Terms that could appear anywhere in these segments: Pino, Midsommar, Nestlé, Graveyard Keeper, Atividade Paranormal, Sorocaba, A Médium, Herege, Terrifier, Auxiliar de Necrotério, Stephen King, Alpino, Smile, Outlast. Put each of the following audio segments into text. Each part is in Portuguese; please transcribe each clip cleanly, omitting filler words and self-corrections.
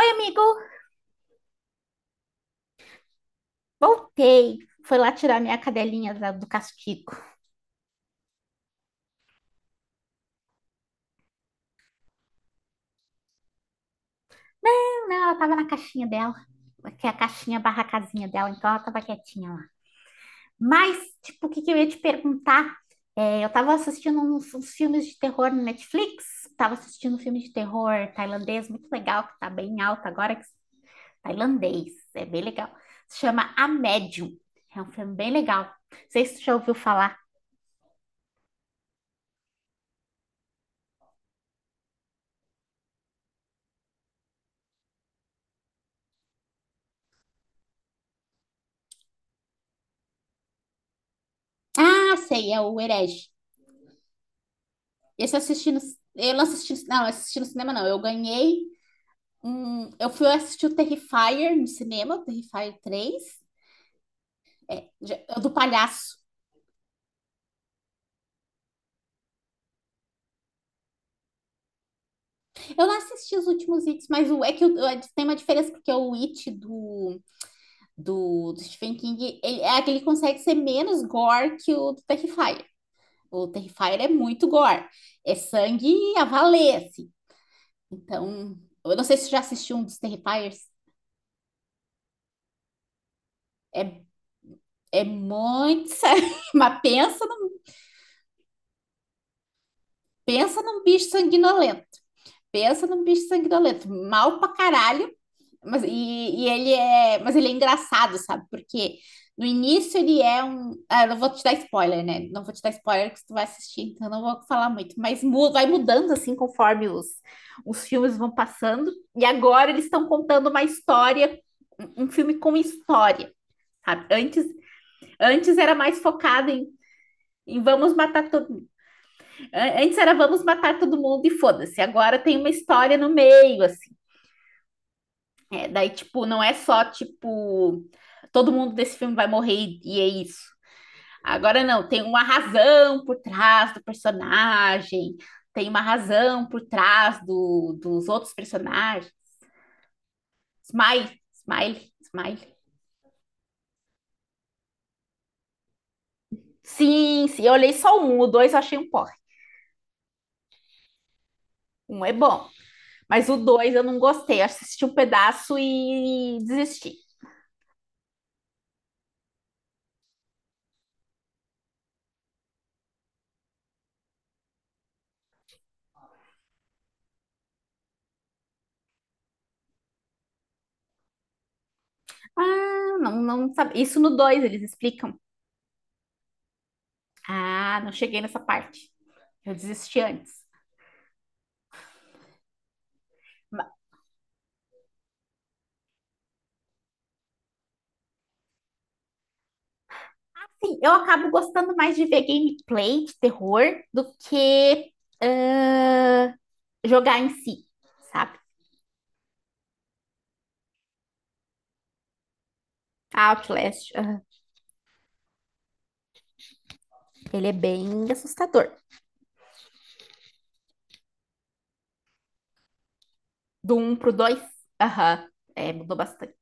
Oi, amigo, voltei. Foi lá tirar minha cadelinha do castigo. Não, ela tava na caixinha dela, que é a caixinha barra casinha dela, então ela tava quietinha lá. Mas, tipo, o que que eu ia te perguntar? É, eu tava assistindo uns filmes de terror no Netflix. Tava assistindo um filme de terror tailandês muito legal, que tá bem alto agora, é tailandês, é bem legal. Se chama A Médium, é um filme bem legal. Não sei se tu já ouviu falar. Ah, sei, é o Herege. Esse eu assisti no, eu não assisti, não, assisti no cinema não. Eu fui assistir o Terrifier no cinema, o Terrifier 3, o do palhaço. Eu não assisti os últimos Its, mas é que tem uma diferença, porque o It do Stephen King, é que ele consegue ser menos gore que o do Terrifier. O Terrifier é muito gore. É sangue a valer, assim. Então, eu não sei se você já assistiu um dos Terrifiers. É, é muito sangue. Mas pensa Pensa num bicho sanguinolento. Pensa num bicho sanguinolento. Mal pra caralho. Mas, e ele é, mas ele é engraçado, sabe? Porque no início ele é um. Ah, eu não vou te dar spoiler, né? Não vou te dar spoiler que tu vai assistir, então eu não vou falar muito. Mas vai mudando assim conforme os filmes vão passando. E agora eles estão contando uma história, um filme com história, sabe? Antes era mais focado em é, antes era vamos matar todo mundo e foda-se. Agora tem uma história no meio, assim. É, daí, tipo, não é só, tipo, todo mundo desse filme vai morrer e, é isso. Agora não, tem uma razão por trás do personagem, tem uma razão por trás dos outros personagens. Smile, smile, smile. Sim, sim, eu olhei só um, o dois eu achei um porre. Um é bom, mas o dois eu não gostei. Eu assisti um pedaço e desisti. Ah, não, não sabe. Isso no 2 eles explicam. Ah, não cheguei nessa parte. Eu desisti antes. Mas, sim, eu acabo gostando mais de ver gameplay de terror do que ah, jogar em si, sabe? Outlast, aham. Ele é bem assustador. Do um pro dois, aham, é, mudou bastante.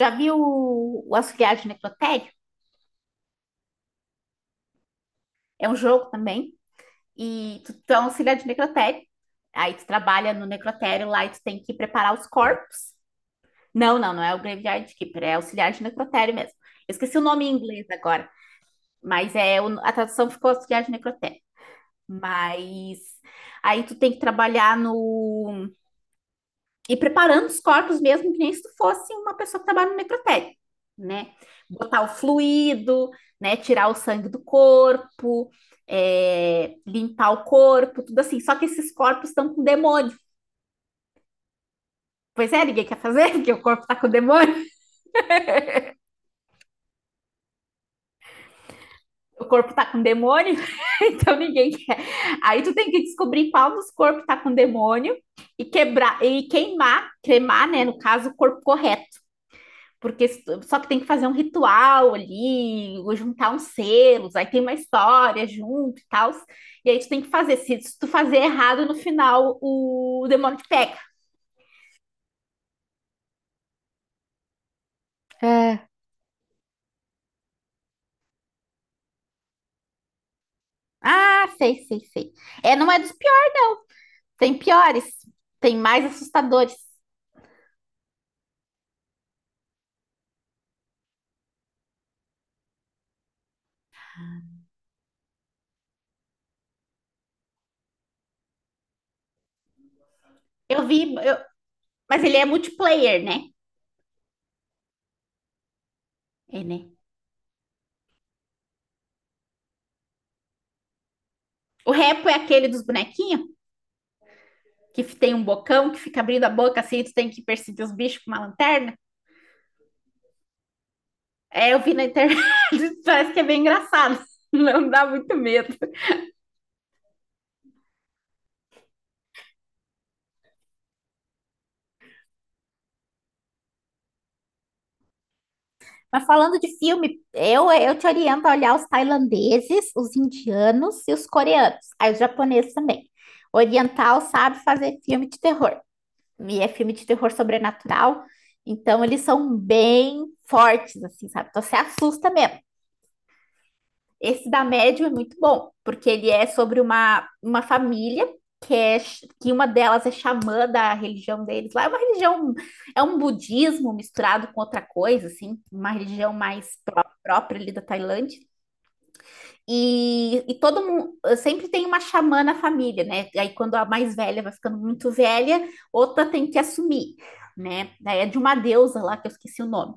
Já viu o Auxiliar de Necrotério? É um jogo também. E tu é um auxiliar de necrotério. Aí tu trabalha no necrotério lá e tu tem que preparar os corpos. Não, não, não é o Graveyard Keeper, é auxiliar de necrotério mesmo. Eu esqueci o nome em inglês agora, mas é a tradução ficou auxiliar de necrotério. Mas aí tu tem que trabalhar no e preparando os corpos mesmo que nem se tu fosse uma pessoa que trabalha no necrotério, né? Botar o fluido, né? Tirar o sangue do corpo, é, limpar o corpo, tudo assim. Só que esses corpos estão com demônio. Pois é, ninguém quer fazer porque o corpo tá com demônio. O corpo tá com demônio, então ninguém quer. Aí tu tem que descobrir qual dos corpos tá com demônio e quebrar e queimar, cremar, né, no caso, o corpo correto. Porque só que tem que fazer um ritual ali, ou juntar uns selos, aí tem uma história junto e tal. E aí tu tem que fazer. Se tu fazer errado no final, o demônio te pega. Ah, sei, sei, sei. É, não é dos piores. Tem piores, tem mais assustadores. Eu vi, eu- mas ele é multiplayer, né? É, né? O repo é aquele dos bonequinhos, que tem um bocão que fica abrindo a boca assim, tu tem que perseguir os bichos com uma lanterna. É, eu vi na internet, parece que é bem engraçado. Não dá muito medo. Mas falando de filme, eu te oriento a olhar os tailandeses, os indianos e os coreanos. Aí os japoneses também. Oriental sabe fazer filme de terror. E é filme de terror sobrenatural. Então eles são bem fortes, assim, sabe? Então você assusta mesmo. Esse da Médium é muito bom, porque ele é sobre uma família que, é, que uma delas é xamã da religião deles lá. É uma religião, é um budismo misturado com outra coisa, assim, uma religião mais própria ali da Tailândia. E todo mundo sempre tem uma xamã na família, né? Aí quando a mais velha vai ficando muito velha, outra tem que assumir, né? Daí é de uma deusa lá que eu esqueci o nome.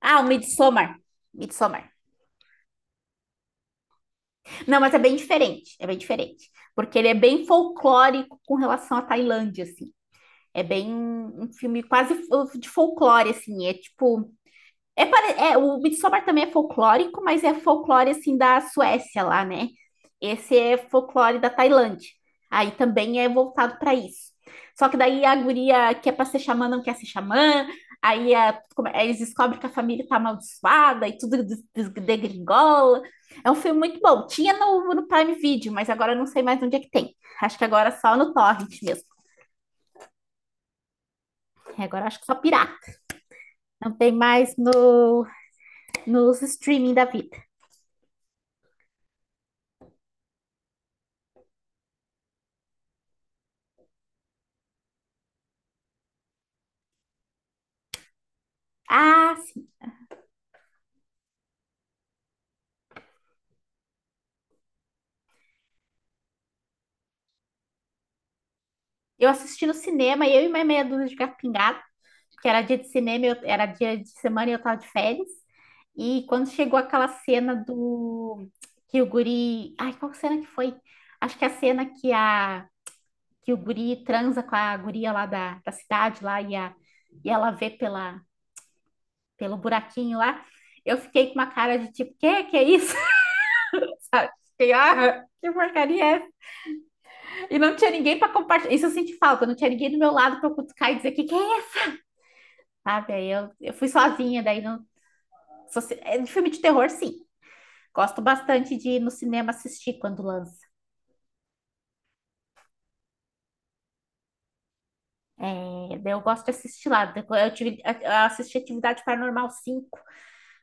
Ah, o Midsommar. Midsommar. Não, mas é bem diferente, é bem diferente. Porque ele é bem folclórico com relação à Tailândia, assim. É bem um filme quase de folclore, assim. É tipo, é, o Midsommar também é folclórico, mas é folclore assim da Suécia lá, né? Esse é folclore da Tailândia. Aí também é voltado para isso. Só que daí a guria que é para ser xamã não quer ser xamã, aí eles descobrem que a família tá amaldiçoada e tudo degringola. É um filme muito bom. Tinha no Prime Video, mas agora eu não sei mais onde é que tem. Acho que agora é só no Torrent mesmo. É, agora acho que só pirata. Não tem mais no, nos streaming da vida. Ah, eu assisti no cinema, eu e mais meia dúzia de gato pingado, porque era dia de cinema, era dia de semana e eu tava de férias. E quando chegou aquela cena do que o guri, ai, qual que cena que foi? Acho que é a cena que o guri transa com a guria lá da cidade lá e, a, e ela vê pela pelo buraquinho lá. Eu fiquei com uma cara de tipo, que é isso? Fiquei, ah, que porcaria é essa? E não tinha ninguém para compartilhar. Isso eu senti falta, não tinha ninguém do meu lado para eu cutucar e dizer que é, sabe? Aí eu fui sozinha, daí não. só se- é, de filme de terror, sim. Gosto bastante de ir no cinema assistir quando lança. É, daí eu gosto de assistir lá. Eu assisti Atividade Paranormal 5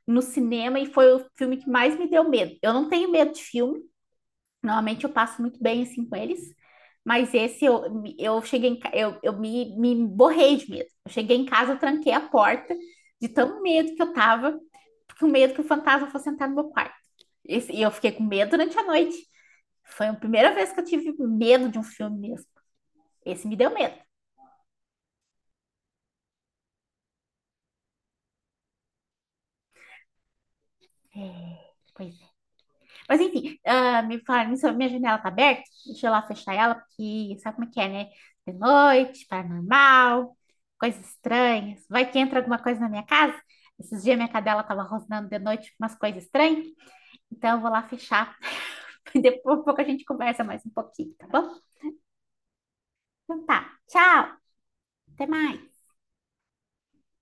no cinema e foi o filme que mais me deu medo. Eu não tenho medo de filme, normalmente eu passo muito bem assim com eles, mas eu cheguei eu me borrei de medo. Eu cheguei em casa, eu tranquei a porta de tão medo que eu tava, porque o medo que o fantasma fosse entrar no meu quarto. E eu fiquei com medo durante a noite. Foi a primeira vez que eu tive medo de um filme mesmo. Esse me deu medo. É, pois é. Mas enfim, ah, me falaram isso, minha janela tá aberta. Deixa eu lá fechar ela, porque sabe como é que é, né? De noite, paranormal, coisas estranhas. Vai que entra alguma coisa na minha casa. Esses dias minha cadela tava rosnando de noite umas coisas estranhas. Então eu vou lá fechar. Depois, um pouco a gente conversa mais um pouquinho, tá bom? Então tá. Tchau. Até mais.